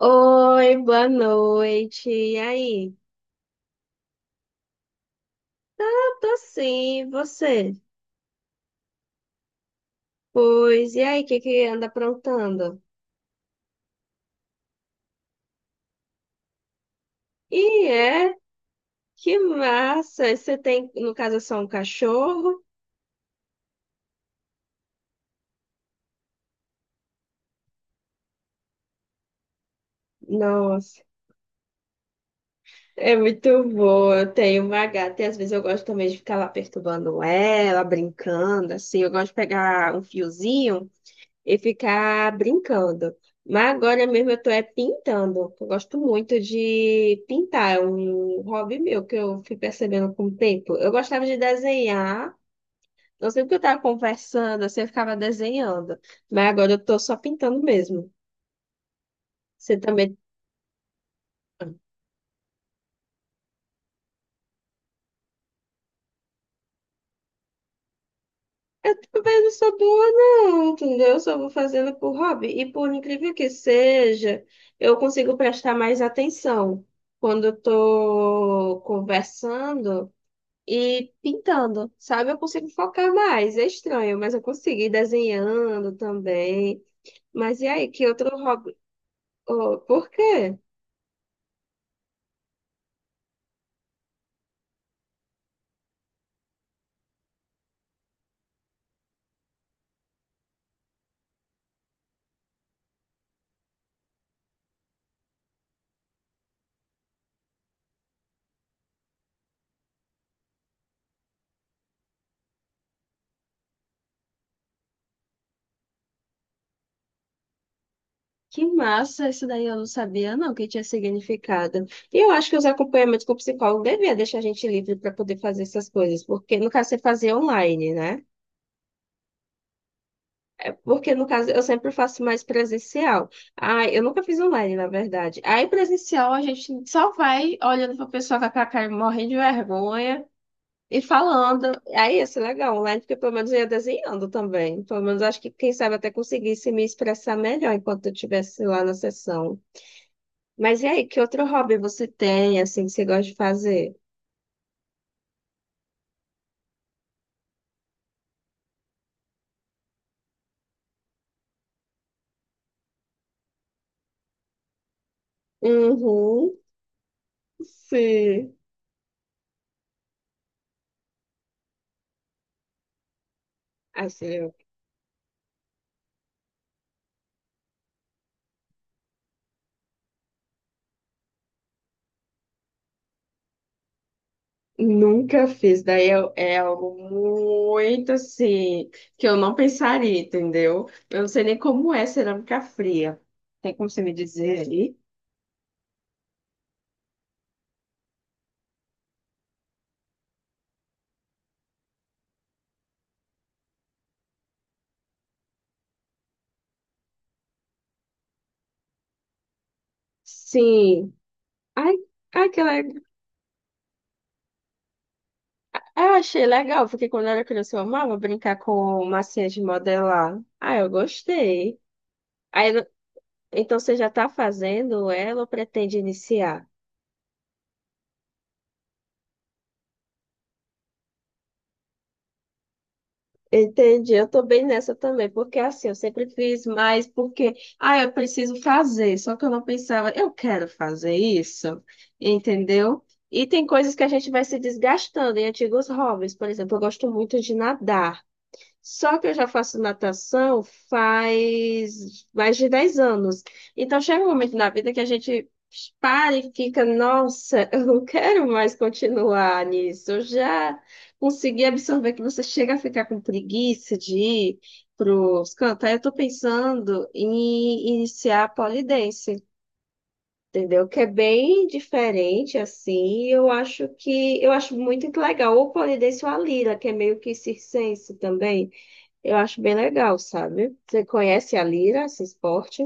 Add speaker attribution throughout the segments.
Speaker 1: Oi, boa noite. E aí? Tá, tô sim. E você? Pois, e aí, o que que anda aprontando? E é, que massa! Você tem, no caso, é só um cachorro? Nossa, é muito boa. Eu tenho uma gata e às vezes eu gosto também de ficar lá perturbando ela, brincando, assim. Eu gosto de pegar um fiozinho e ficar brincando. Mas agora mesmo eu tô é pintando. Eu gosto muito de pintar, é um hobby meu que eu fui percebendo com o tempo. Eu gostava de desenhar, não sei porque eu tava conversando, assim, eu ficava desenhando. Mas agora eu tô só pintando mesmo. Você também. Ah, eu também não sou boa, não, entendeu? Eu só vou fazendo por hobby. E por incrível que seja, eu consigo prestar mais atenção quando eu tô conversando e pintando, sabe? Eu consigo focar mais. É estranho, mas eu consegui desenhando também. Mas e aí, que outro hobby? Oh, por quê? Que massa, isso daí eu não sabia, não, que tinha significado. E eu acho que os acompanhamentos com o psicólogo devia deixar a gente livre para poder fazer essas coisas, porque no caso você fazia online, né? É, porque no caso eu sempre faço mais presencial. Ah, eu nunca fiz online, na verdade. Aí presencial a gente só vai olhando para pessoa com a cara morrendo de vergonha. E falando, aí ia ser legal online, porque pelo menos eu ia desenhando também. Pelo menos acho que, quem sabe, até conseguisse me expressar melhor enquanto eu estivesse lá na sessão. Mas e aí, que outro hobby você tem, assim, que você gosta de fazer? Uhum, sim. Assim, eu nunca fiz. Daí é algo muito, assim, que eu não pensaria, entendeu? Eu não sei nem como é cerâmica fria. Tem como você me dizer aí? Sim. Ai, ai, que legal. Ah, eu achei legal, porque quando eu era criança eu amava brincar com massinha de modelar. Ah, eu gostei. Aí, no- Então você já está fazendo ela ou pretende iniciar? Entendi, eu tô bem nessa também, porque assim, eu sempre fiz mais porque, ah, eu preciso fazer, só que eu não pensava, eu quero fazer isso, entendeu? E tem coisas que a gente vai se desgastando em antigos hobbies, por exemplo, eu gosto muito de nadar. Só que eu já faço natação faz mais de 10 anos. Então chega um momento na vida que a gente para e fica, nossa, eu não quero mais continuar nisso. Eu já consegui absorver que você chega a ficar com preguiça de ir para os cantos. Aí eu estou pensando em iniciar a pole dance. Entendeu? Que é bem diferente, assim, eu acho que eu acho muito legal. Ou o pole dance ou a lira, que é meio que circense também. Eu acho bem legal, sabe? Você conhece a lira, esse esporte?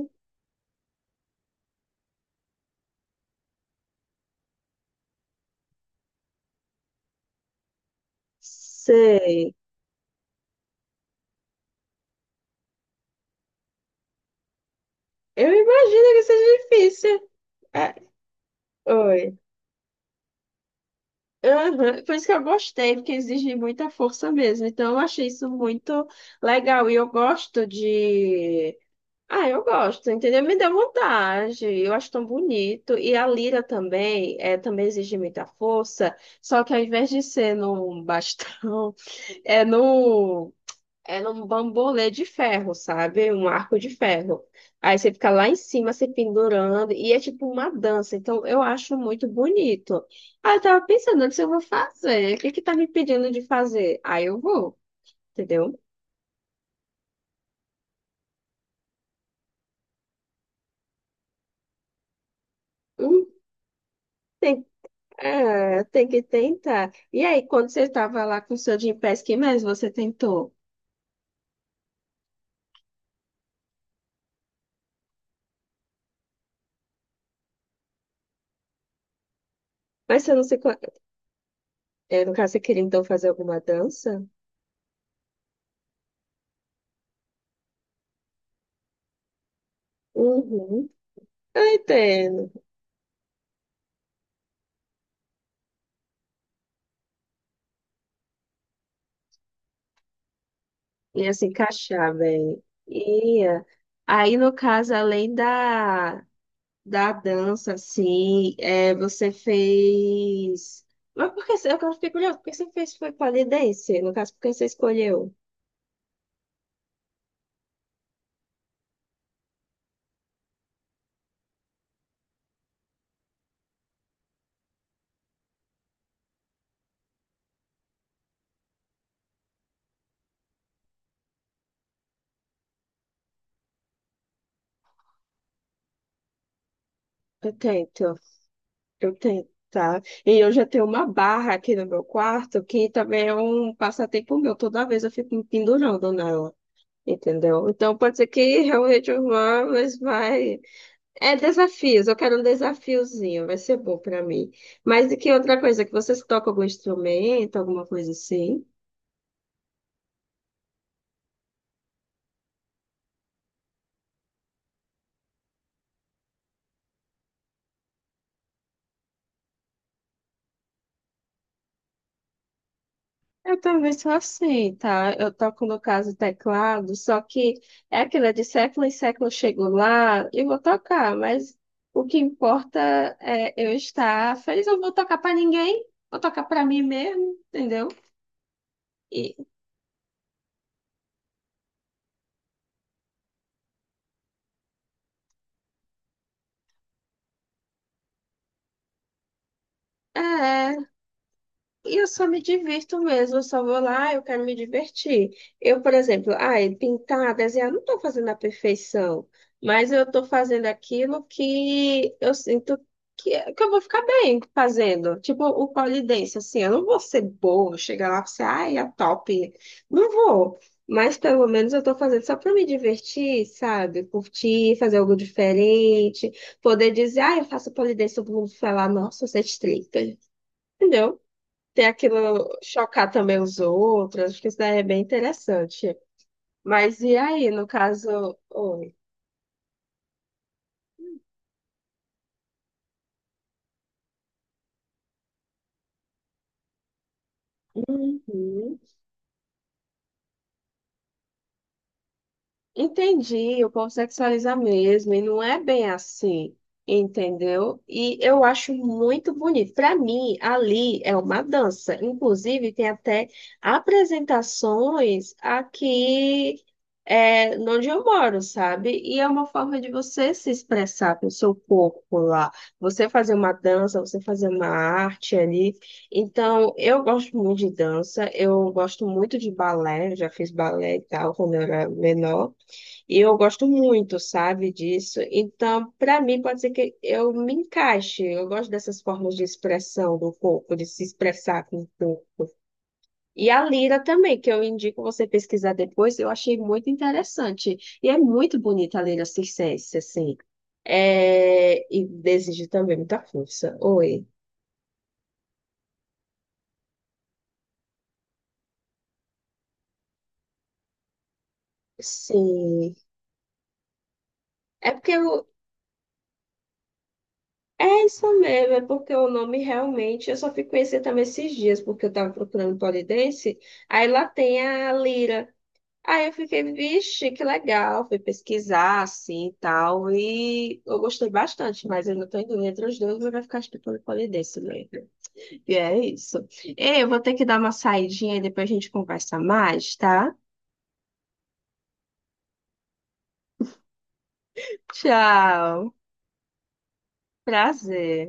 Speaker 1: Sei. Eu imagino que seja difícil. É, oi. Aham, por isso que eu gostei, porque exige muita força mesmo. Então, eu achei isso muito legal. E eu gosto de. Ah, eu gosto, entendeu? Me deu vontade. Eu acho tão bonito. E a lira também, é, também exige muita força. Só que ao invés de ser num bastão, é no. Era um bambolê de ferro, sabe? Um arco de ferro. Aí você fica lá em cima se pendurando e é tipo uma dança. Então eu acho muito bonito. Aí eu tava pensando se eu vou fazer. O que que tá me pedindo de fazer? Aí eu vou, entendeu? Hum, Tem, é, tem que tentar. E aí, quando você tava lá com o seu Gympass, que mais você tentou? Mas você não se. Co- É, no caso, você queria então fazer alguma dança? Uhum. Eu entendo. Ia se encaixar bem. Ia. Aí, no caso, além da, da dança, assim, é, você fez. Mas por que eu fiquei curiosa, por que você fez foi pole dance? No caso, por que você escolheu? Eu tento, eu tento, tá? E eu já tenho uma barra aqui no meu quarto, que também é um passatempo meu. Toda vez eu fico me pendurando nela, entendeu? Então, pode ser que realmente eu vá, mas vai. É desafios, eu quero um desafiozinho, vai ser bom pra mim. Mas e que outra coisa, que vocês tocam algum instrumento, alguma coisa assim? Eu também sou assim, tá? Eu toco, no caso, teclado, só que é aquilo, é de século em século eu chego lá e vou tocar, mas o que importa é eu estar feliz. Eu não vou tocar pra ninguém, vou tocar pra mim mesmo, entendeu? E, é, e eu só me divirto mesmo, eu só vou lá, eu quero me divertir. Eu, por exemplo, ai, pintar, desenhar, não estou fazendo a perfeição, mas eu estou fazendo aquilo que eu sinto que eu vou ficar bem fazendo. Tipo o pole dance, assim, eu não vou ser boa, chegar lá e ser, ai, é top. Não vou. Mas pelo menos eu estou fazendo só para me divertir, sabe? Curtir, fazer algo diferente, poder dizer, ah, eu faço pole dance, todo mundo falar, nossa, você é stripper. Entendeu? Tem aquilo chocar também os outros, acho que isso daí é bem interessante. Mas e aí, no caso. Oi. Uhum. Entendi, o povo sexualiza mesmo, e não é bem assim, entendeu? E eu acho muito bonito. Para mim, ali é uma dança. Inclusive, tem até apresentações aqui, é, onde eu moro, sabe? E é uma forma de você se expressar com o seu corpo lá. Você fazer uma dança, você fazer uma arte ali. Então, eu gosto muito de dança, eu gosto muito de balé, eu já fiz balé e tal quando eu era menor. E eu gosto muito, sabe, disso. Então, para mim, pode ser que eu me encaixe. Eu gosto dessas formas de expressão do corpo, de se expressar com o corpo. E a lira também, que eu indico você pesquisar depois, eu achei muito interessante. E é muito bonita a lira circense, assim. É... E desejo também muita força. Oi. Sim. É porque eu, É isso mesmo, é porque o nome realmente, eu só fui conhecer também esses dias, porque eu tava procurando pole dance, aí lá tem a lira. Aí eu fiquei, vixe, que legal, fui pesquisar assim e tal, e eu gostei bastante, mas eu não tô indo entre os dois, mas vai ficar estudando pole dance mesmo. E é isso. Ei, eu vou ter que dar uma saidinha e depois a gente conversa mais, tá? Tchau, prazer.